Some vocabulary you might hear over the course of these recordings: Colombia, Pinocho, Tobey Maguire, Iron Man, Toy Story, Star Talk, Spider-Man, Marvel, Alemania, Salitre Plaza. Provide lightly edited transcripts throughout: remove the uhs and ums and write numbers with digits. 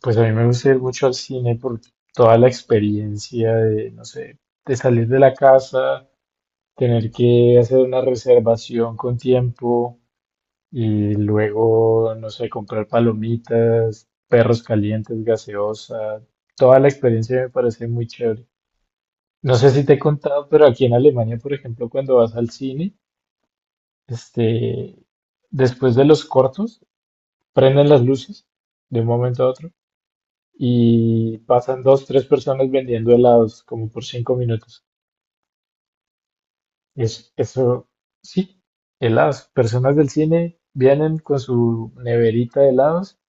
Pues a mí me gusta ir mucho al cine por toda la experiencia de, no sé, de salir de la casa, tener que hacer una reservación con tiempo y luego, no sé, comprar palomitas, perros calientes, gaseosa. Toda la experiencia me parece muy chévere. No sé si te he contado, pero aquí en Alemania, por ejemplo, cuando vas al cine, este, después de los cortos, prenden las luces de un momento a otro. Y pasan dos, tres personas vendiendo helados como por cinco minutos. Eso sí, helados. Personas del cine vienen con su neverita de helados,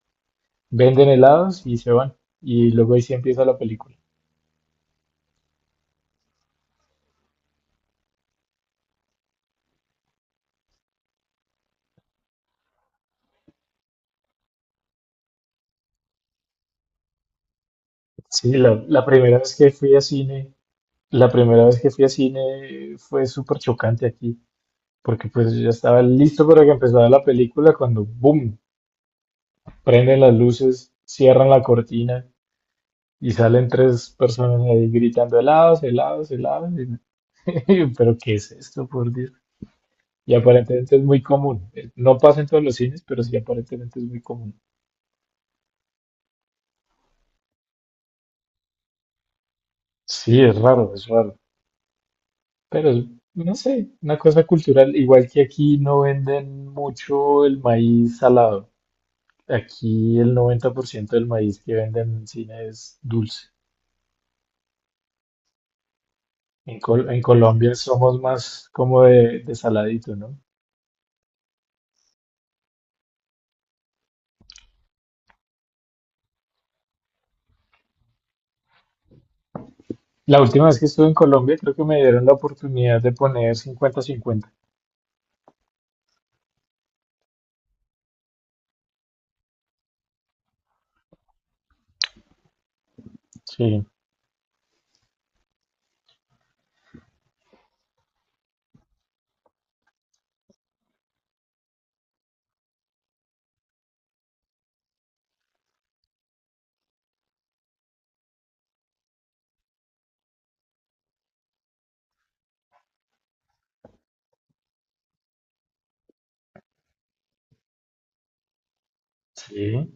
venden helados y se van. Y luego ahí sí empieza la película. Sí, la primera vez que fui a cine, la primera vez que fui a cine fue súper chocante aquí, porque pues yo ya estaba listo para que empezara la película cuando, ¡boom!, prenden las luces, cierran la cortina. Y salen tres personas ahí gritando helados, helados, helados. Pero ¿qué es esto, por Dios? Y aparentemente es muy común. No pasa en todos los cines, pero sí aparentemente es muy común. Sí, es raro, es raro. Pero no sé, una cosa cultural. Igual que aquí no venden mucho el maíz salado. Aquí el 90% del maíz que venden en cine es dulce. En Colombia somos más como de saladito, ¿no? La última vez que estuve en Colombia, creo que me dieron la oportunidad de poner 50-50. Sí. Sí.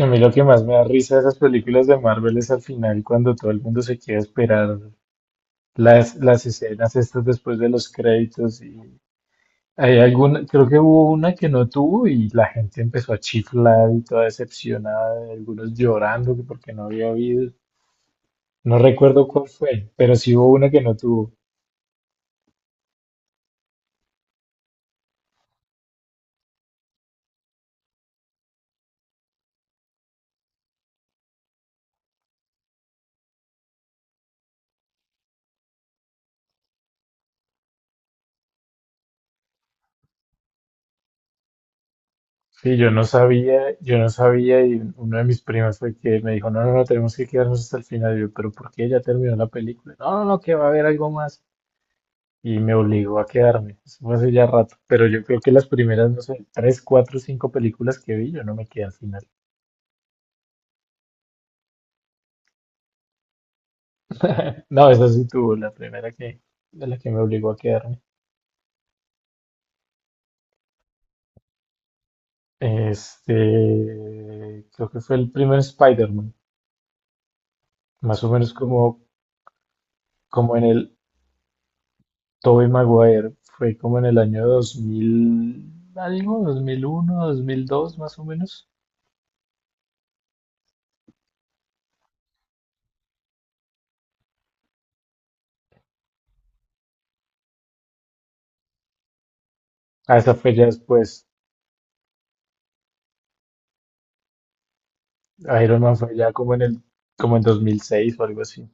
A mí lo que más me da risa de esas películas de Marvel es al final cuando todo el mundo se quiere esperar las escenas estas después de los créditos, y hay alguna, creo que hubo una que no tuvo y la gente empezó a chiflar y toda decepcionada, algunos llorando que porque no había habido. No recuerdo cuál fue, pero sí hubo una que no tuvo. Sí, yo no sabía y uno de mis primos fue que me dijo, no, no, no, tenemos que quedarnos hasta el final. Y yo, pero ¿por qué ya terminó la película? No, no, no, que va a haber algo más. Y me obligó a quedarme. Eso fue hace ya rato. Pero yo creo que las primeras, no sé, tres, cuatro, cinco películas que vi, yo no me quedé al final. No, esa sí tuvo, la primera que, de la que me obligó a quedarme. Creo que fue el primer Spider-Man, más o menos como, como en el, Tobey Maguire fue como en el año 2000, algo, dos mil uno, dos, mil dos más o menos. Ah, esa fue ya después. Iron Man fue ya como en el, como en 2006 o algo así.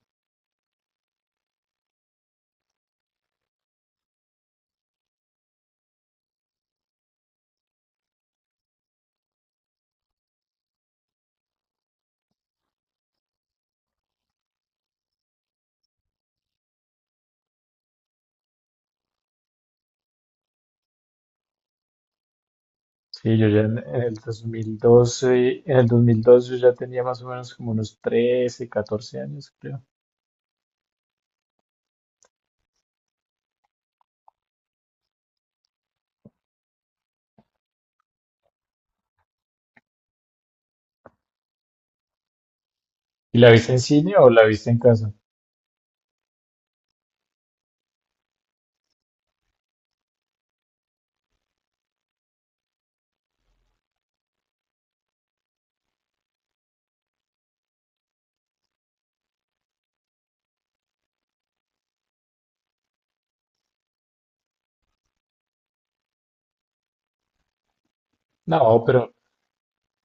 Sí, yo ya en el 2012, en el 2002 yo ya tenía más o menos como unos 13, 14 años, creo. ¿Y la viste en cine o la viste en casa? No, pero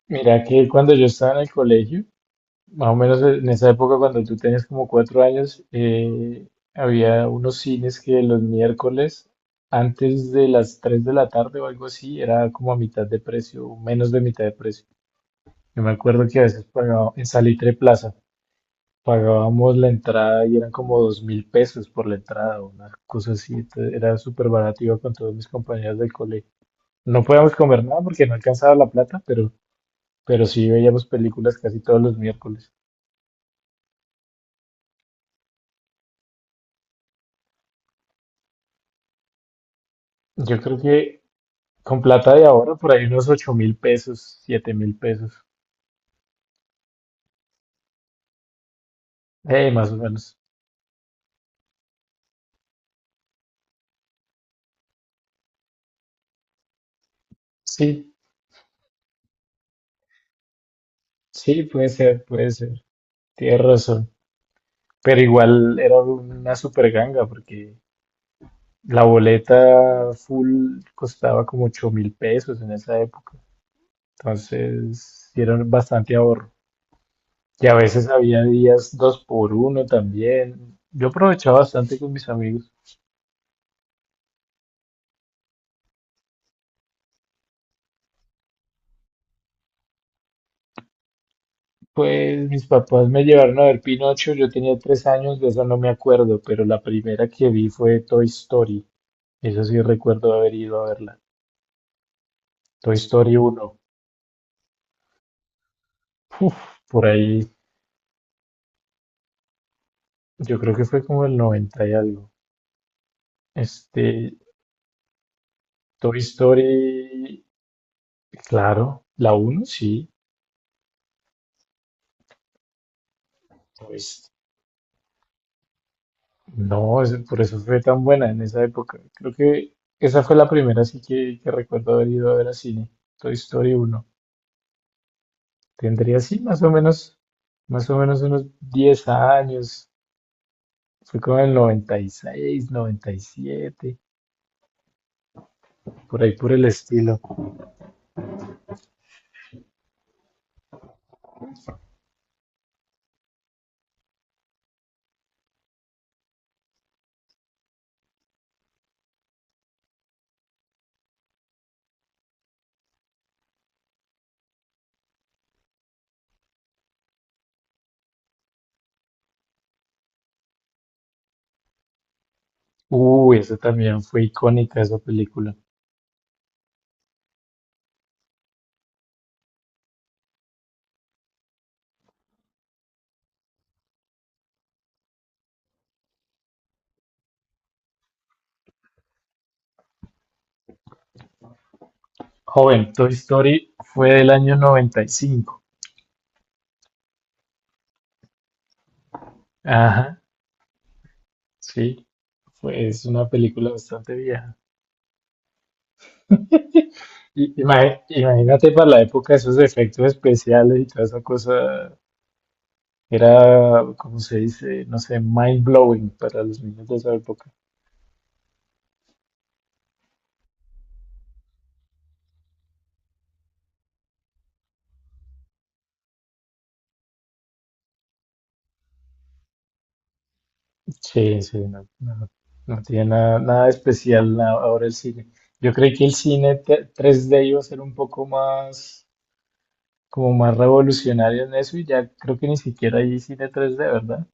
mira que cuando yo estaba en el colegio, más o menos en esa época, cuando tú tenías como cuatro años, había unos cines que los miércoles, antes de las 3 de la tarde o algo así, era como a mitad de precio, o menos de mitad de precio. Yo me acuerdo que a veces pagaba en Salitre Plaza, pagábamos la entrada y eran como dos mil pesos por la entrada, una cosa así. Entonces, era súper barato, iba con todos mis compañeros del colegio. No podíamos comer nada porque no alcanzaba la plata, pero sí veíamos películas casi todos los miércoles. Yo creo que con plata de ahora, por ahí unos 8 mil pesos, 7 mil pesos. Más o menos. Sí, sí, puede ser, puede ser. Tienes razón. Pero igual era una super ganga porque la boleta full costaba como 8 mil pesos en esa época. Entonces, sí era bastante ahorro. Y a veces había días dos por uno también. Yo aprovechaba bastante con mis amigos. Pues mis papás me llevaron a ver Pinocho, yo tenía tres años, de eso no me acuerdo, pero la primera que vi fue Toy Story. Eso sí recuerdo haber ido a verla. Toy Story uno. Uf, por ahí, yo creo que fue como el 90 y algo. Este, Toy Story, claro, la uno sí. Pues no, por eso fue tan buena en esa época. Creo que esa fue la primera sí que recuerdo haber ido a ver al cine. Toy Story uno. Tendría, así más o menos unos 10 años. Fue como en el 96, noventa y siete, por ahí por el estilo. Uy, eso también fue icónica esa película. Joven, Toy Story fue del año noventa y cinco. Ajá, sí, fue, es una película bastante vieja. Imagínate para la época esos efectos especiales y toda esa cosa, era, como se dice? No sé, mind blowing para los niños de esa época. Sí, sí, no, no tiene nada, nada de especial ahora el cine. Yo creí que el cine 3D iba a ser un poco más, como más revolucionario en eso y ya creo que ni siquiera hay cine 3D, ¿verdad?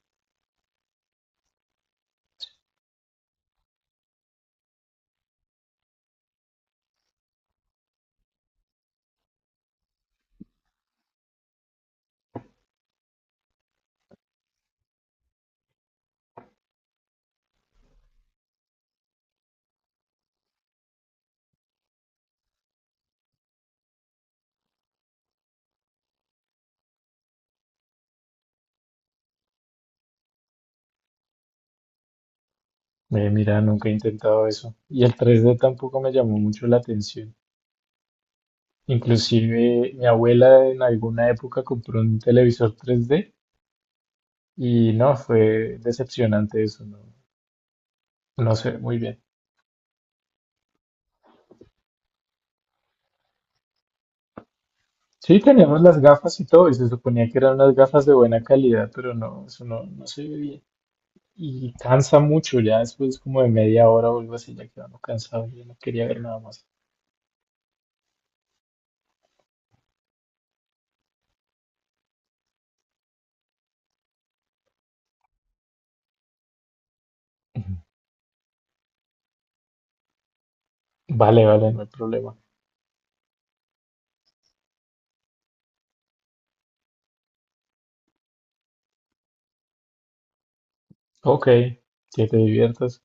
Mira, nunca he intentado eso. Y el 3D tampoco me llamó mucho la atención. Inclusive mi abuela en alguna época compró un televisor 3D y no, fue decepcionante eso, no, no sé, muy bien. Sí, teníamos las gafas y todo, y se suponía que eran unas gafas de buena calidad, pero no, eso no, no se ve bien. Y cansa mucho, ya después como de media hora o algo así, ya quedamos cansado, yo no quería ver nada más. Vale, vale, no hay problema. Ok, que te diviertas.